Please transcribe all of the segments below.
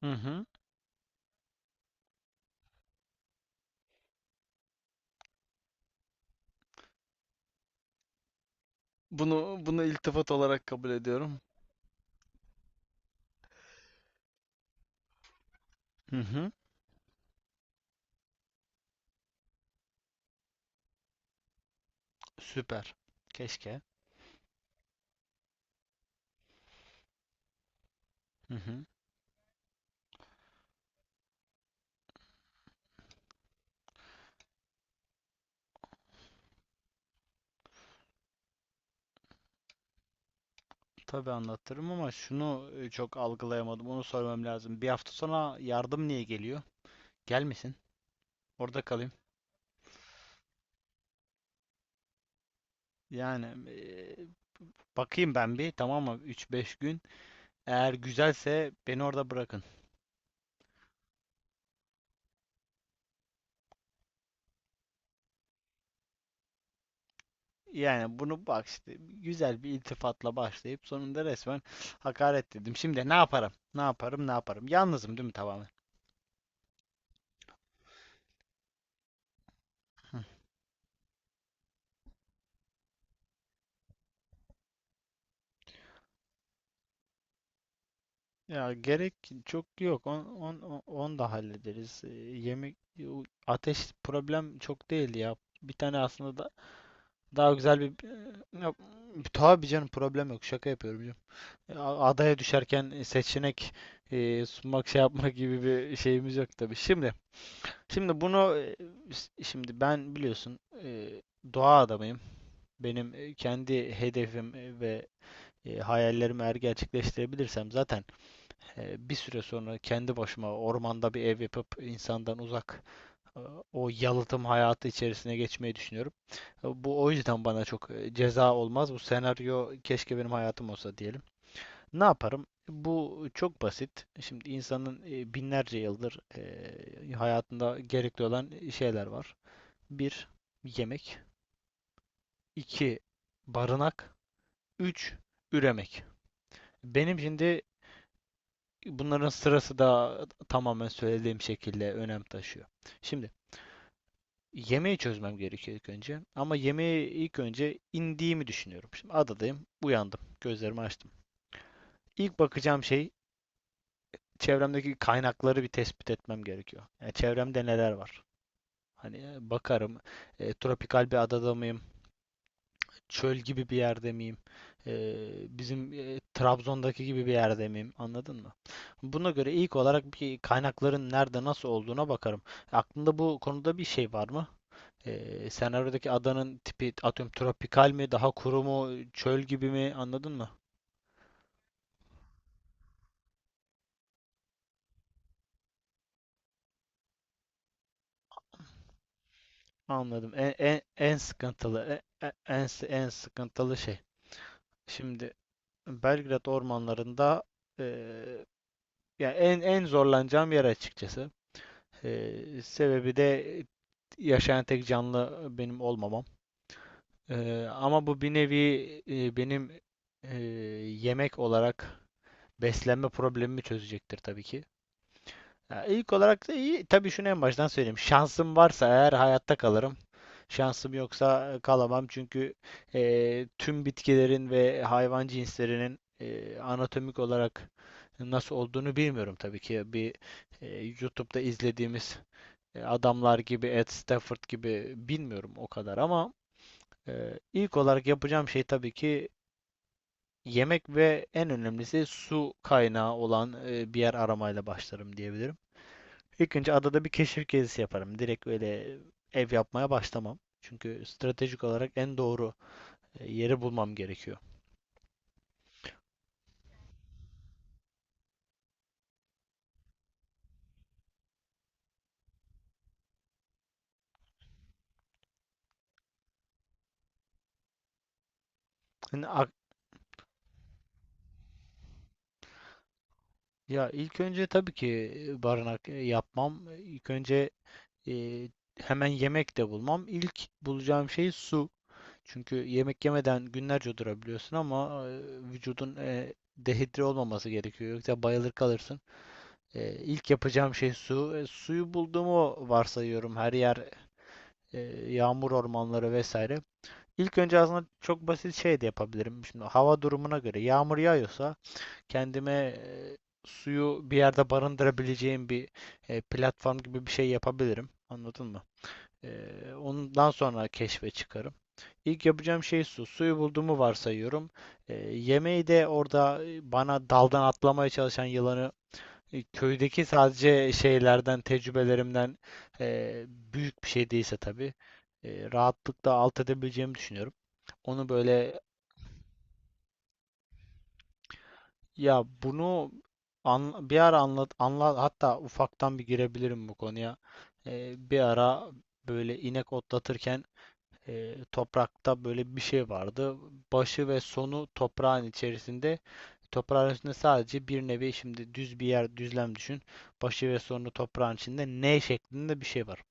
Hı hı. Bunu iltifat olarak kabul ediyorum. Hı hı. Süper. Keşke. Hı hı. Tabii anlatırım ama şunu çok algılayamadım. Onu sormam lazım. Bir hafta sonra yardım niye geliyor? Gelmesin. Orada kalayım. Yani, bakayım ben bir, tamam mı? Üç beş gün. Eğer güzelse beni orada bırakın. Yani bunu bak işte güzel bir iltifatla başlayıp sonunda resmen hakaret dedim. Şimdi ne yaparım? Ne yaparım? Ne yaparım? Yalnızım değil mi tamamen? Ya gerek çok yok. On, on, on onu da hallederiz. Yemek o ateş problem çok değil ya. Bir tane aslında da daha güzel bir yok, tabii canım problem yok. Şaka yapıyorum canım. Adaya düşerken seçenek sunmak şey yapmak gibi bir şeyimiz yok tabii. Şimdi bunu şimdi ben biliyorsun doğa adamıyım. Benim kendi hedefim ve hayallerimi eğer gerçekleştirebilirsem zaten bir süre sonra kendi başıma ormanda bir ev yapıp insandan uzak e, o yalıtım hayatı içerisine geçmeyi düşünüyorum. Bu o yüzden bana çok ceza olmaz. Bu senaryo keşke benim hayatım olsa diyelim. Ne yaparım? Bu çok basit. Şimdi insanın binlerce yıldır hayatında gerekli olan şeyler var. Bir, yemek. İki barınak. Üç, üremek. Benim şimdi bunların sırası da tamamen söylediğim şekilde önem taşıyor. Şimdi yemeği çözmem gerekiyor ilk önce. Ama yemeği ilk önce indiğimi düşünüyorum. Şimdi adadayım, uyandım, gözlerimi açtım. İlk bakacağım şey çevremdeki kaynakları bir tespit etmem gerekiyor. Yani çevremde neler var? Hani bakarım, tropikal bir adada mıyım? Çöl gibi bir yerde miyim? Ee, bizim Trabzon'daki gibi bir yerde miyim? Anladın mı? Buna göre ilk olarak bir kaynakların nerede nasıl olduğuna bakarım. Aklında bu konuda bir şey var mı? Senaryodaki adanın tipi atıyorum tropikal mi, daha kuru mu, çöl gibi mi? Anladın mı? Anladım. En sıkıntılı en sıkıntılı şey. Şimdi Belgrad ormanlarında eee ya en zorlanacağım yer açıkçası. Sebebi de yaşayan tek canlı benim olmamam. Ama bu bir nevi benim e, yemek olarak beslenme problemimi çözecektir tabii ki. Ya ilk olarak da iyi. Tabii şunu en baştan söyleyeyim. Şansım varsa eğer hayatta kalırım. Şansım yoksa kalamam çünkü tüm bitkilerin ve hayvan cinslerinin anatomik olarak nasıl olduğunu bilmiyorum tabii ki. Bir e, YouTube'da izlediğimiz adamlar gibi, Ed Stafford gibi bilmiyorum o kadar ama ilk olarak yapacağım şey tabii ki yemek ve en önemlisi su kaynağı olan bir yer aramayla başlarım diyebilirim. İlk önce adada bir keşif gezisi yaparım. Direkt öyle ev yapmaya başlamam. Çünkü stratejik olarak en doğru yeri bulmam gerekiyor. Hani ya ilk önce tabii ki barınak yapmam. İlk önce e, hemen yemek de bulmam. İlk bulacağım şey su. Çünkü yemek yemeden günlerce durabiliyorsun ama vücudun dehidre olmaması gerekiyor. Yoksa bayılır kalırsın. E, ilk yapacağım şey su. Suyu bulduğumu varsayıyorum. Her yer e, yağmur ormanları vesaire. İlk önce aslında çok basit şey de yapabilirim. Şimdi hava durumuna göre yağmur yağıyorsa kendime suyu bir yerde barındırabileceğim bir platform gibi bir şey yapabilirim. Anladın mı? Ondan sonra keşfe çıkarım. İlk yapacağım şey su. Suyu bulduğumu varsayıyorum. Yemeği de orada bana daldan atlamaya çalışan yılanı köydeki sadece şeylerden, tecrübelerimden büyük bir şey değilse tabii rahatlıkla alt edebileceğimi düşünüyorum. Onu böyle ya bunu bir ara anlat, anlat hatta ufaktan bir girebilirim bu konuya. Bir ara böyle inek otlatırken toprakta böyle bir şey vardı. Başı ve sonu toprağın içerisinde. Toprağın içinde sadece bir nevi şimdi düz bir yer düzlem düşün. Başı ve sonu toprağın içinde N şeklinde bir şey var.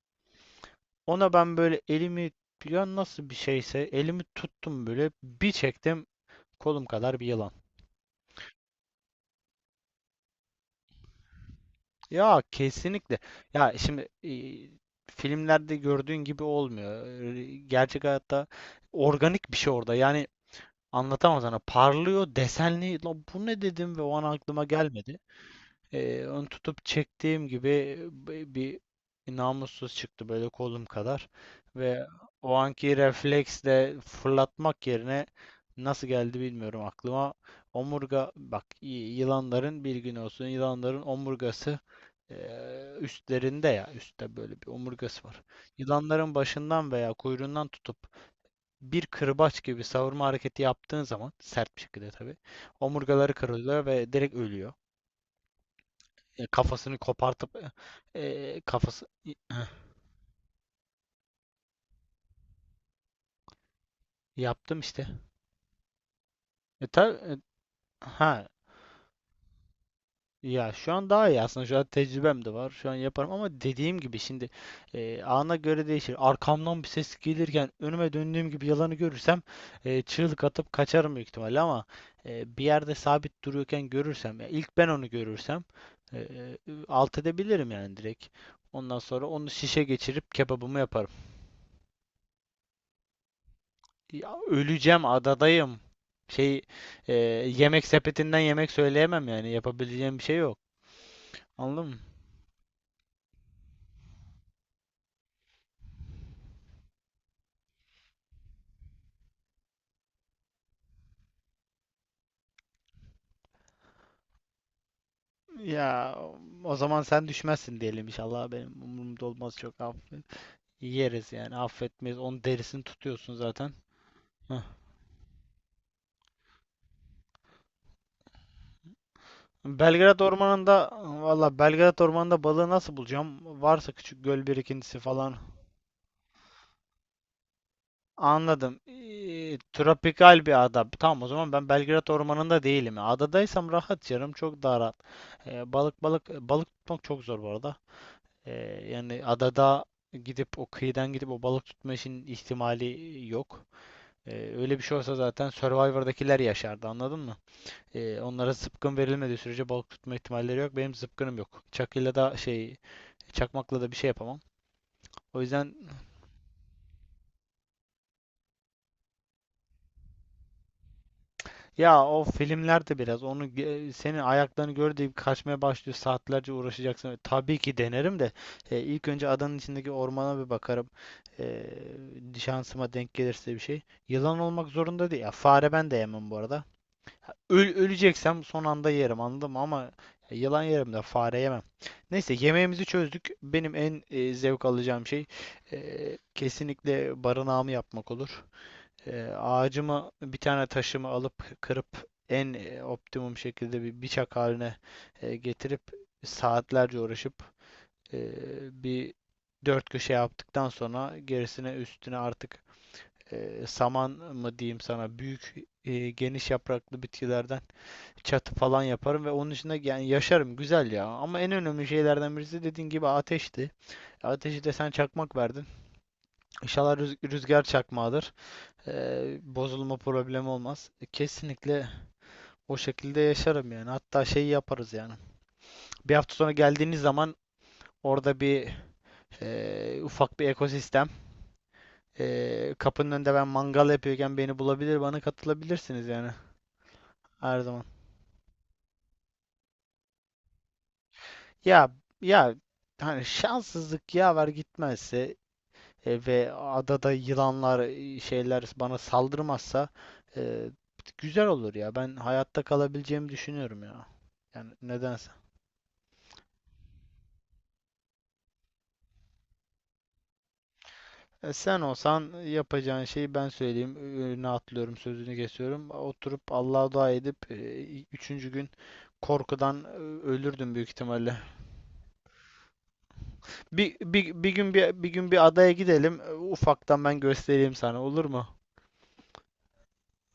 Ona ben böyle elimi ya nasıl bir şeyse elimi tuttum böyle bir çektim kolum kadar bir yılan. Ya kesinlikle. Ya şimdi filmlerde gördüğün gibi olmuyor. Gerçek hayatta organik bir şey orada. Yani, anlatamam sana. Parlıyor, desenli. La bu ne dedim ve o an aklıma gelmedi. Onu tutup çektiğim gibi bir namussuz çıktı böyle kolum kadar. Ve o anki refleksle fırlatmak yerine nasıl geldi bilmiyorum aklıma. Omurga bak yılanların bir gün olsun yılanların omurgası üstlerinde ya üstte böyle bir omurgası var. Yılanların başından veya kuyruğundan tutup bir kırbaç gibi savurma hareketi yaptığın zaman sert bir şekilde tabii omurgaları kırılıyor ve direkt ölüyor. Kafasını kopartıp kafası yaptım işte. E, ta- e, ha Ya şu an daha iyi aslında. Şu an tecrübem de var. Şu an yaparım ama dediğim gibi şimdi ana göre değişir. Arkamdan bir ses gelirken önüme döndüğüm gibi yalanı görürsem çığlık atıp kaçarım büyük ihtimalle ama bir yerde sabit duruyorken görürsem ya ilk ben onu görürsem e, e, alt edebilirim yani direkt. Ondan sonra onu şişe geçirip kebabımı yaparım. Ya, öleceğim adadayım. Şey e, Yemek sepetinden yemek söyleyemem yani yapabileceğim bir şey yok. Anladın mı? Ya o zaman sen düşmezsin diyelim inşallah. Benim umurumda olmaz çok affet. Yeriz yani affetmeyiz. Onun derisini tutuyorsun zaten. Heh. Belgrad Ormanı'nda valla Belgrad Ormanı'nda balığı nasıl bulacağım? Varsa küçük göl birikintisi falan. Anladım. Tropikal bir ada. Tamam o zaman ben Belgrad Ormanı'nda değilim. Adadaysam rahat canım çok daha rahat. Balık tutmak çok zor bu arada. Ee, yani adada gidip o kıyıdan gidip o balık tutma işinin ihtimali yok. Ee, öyle bir şey olsa zaten Survivor'dakiler yaşardı anladın mı? Onlara zıpkın verilmediği sürece balık tutma ihtimalleri yok. Benim zıpkınım yok. Çakıyla da çakmakla da bir şey yapamam. O yüzden ya o filmlerde biraz onu senin ayaklarını gör deyip kaçmaya başlıyor saatlerce uğraşacaksın. Tabii ki denerim de ilk önce adanın içindeki ormana bir bakarım. Ee, şansıma denk gelirse bir şey. Yılan olmak zorunda değil. Ya, fare ben de yemem bu arada. Öleceksem son anda yerim anladın mı? Ama yılan yerim de fare yemem. Neyse yemeğimizi çözdük. Benim en zevk alacağım şey kesinlikle barınağımı yapmak olur. Ağacımı bir tane taşımı alıp kırıp en optimum şekilde bir bıçak haline getirip saatlerce uğraşıp e, bir dört köşe yaptıktan sonra gerisine üstüne artık saman mı diyeyim sana büyük geniş yapraklı bitkilerden çatı falan yaparım ve onun içinde yani yaşarım güzel ya. Ama en önemli şeylerden birisi dediğin gibi ateşti. Ateşi de sen çakmak verdin. İnşallah rüzgar çakmağıdır. Bozulma problemi olmaz. Kesinlikle o şekilde yaşarım yani. Hatta şeyi yaparız yani. Bir hafta sonra geldiğiniz zaman orada bir ufak bir ekosistem. Kapının önünde ben mangal yapıyorken beni bulabilir, bana katılabilirsiniz yani her zaman. Ya ya hani şanssızlık yaver gitmezse ve adada yılanlar şeyler bana saldırmazsa e, güzel olur ya. Ben hayatta kalabileceğimi düşünüyorum ya. Yani nedense. Sen olsan yapacağın şeyi ben söyleyeyim. Önüne atlıyorum, sözünü kesiyorum. Oturup Allah'a dua edip üçüncü gün korkudan ölürdüm büyük ihtimalle. Bir gün bir adaya gidelim. Ufaktan ben göstereyim sana olur mu?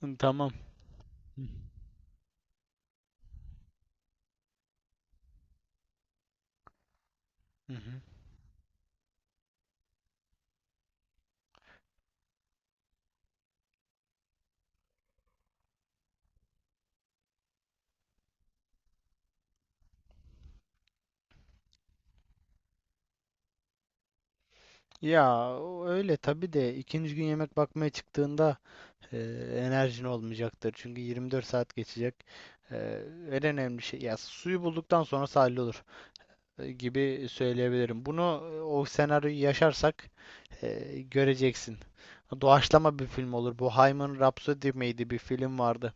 Hı, Tamam. Hı hı. Ya o öyle tabii de ikinci gün yemek bakmaya çıktığında e, enerjin olmayacaktır. Çünkü 24 saat geçecek. E, en önemli şey ya suyu bulduktan sonra sahil olur gibi söyleyebilirim. Bunu o senaryoyu yaşarsak göreceksin. Doğaçlama bir film olur. Bu Hayman Rhapsody miydi bir film vardı.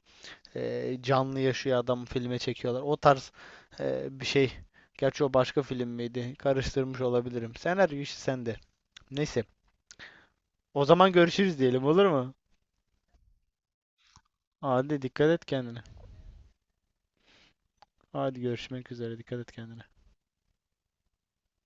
Canlı yaşıyor adam filme çekiyorlar. O tarz bir şey. Gerçi o başka film miydi? Karıştırmış olabilirim. Senaryo işi sende. Neyse. O zaman görüşürüz diyelim olur mu? Hadi dikkat et kendine. Hadi görüşmek üzere dikkat et kendine.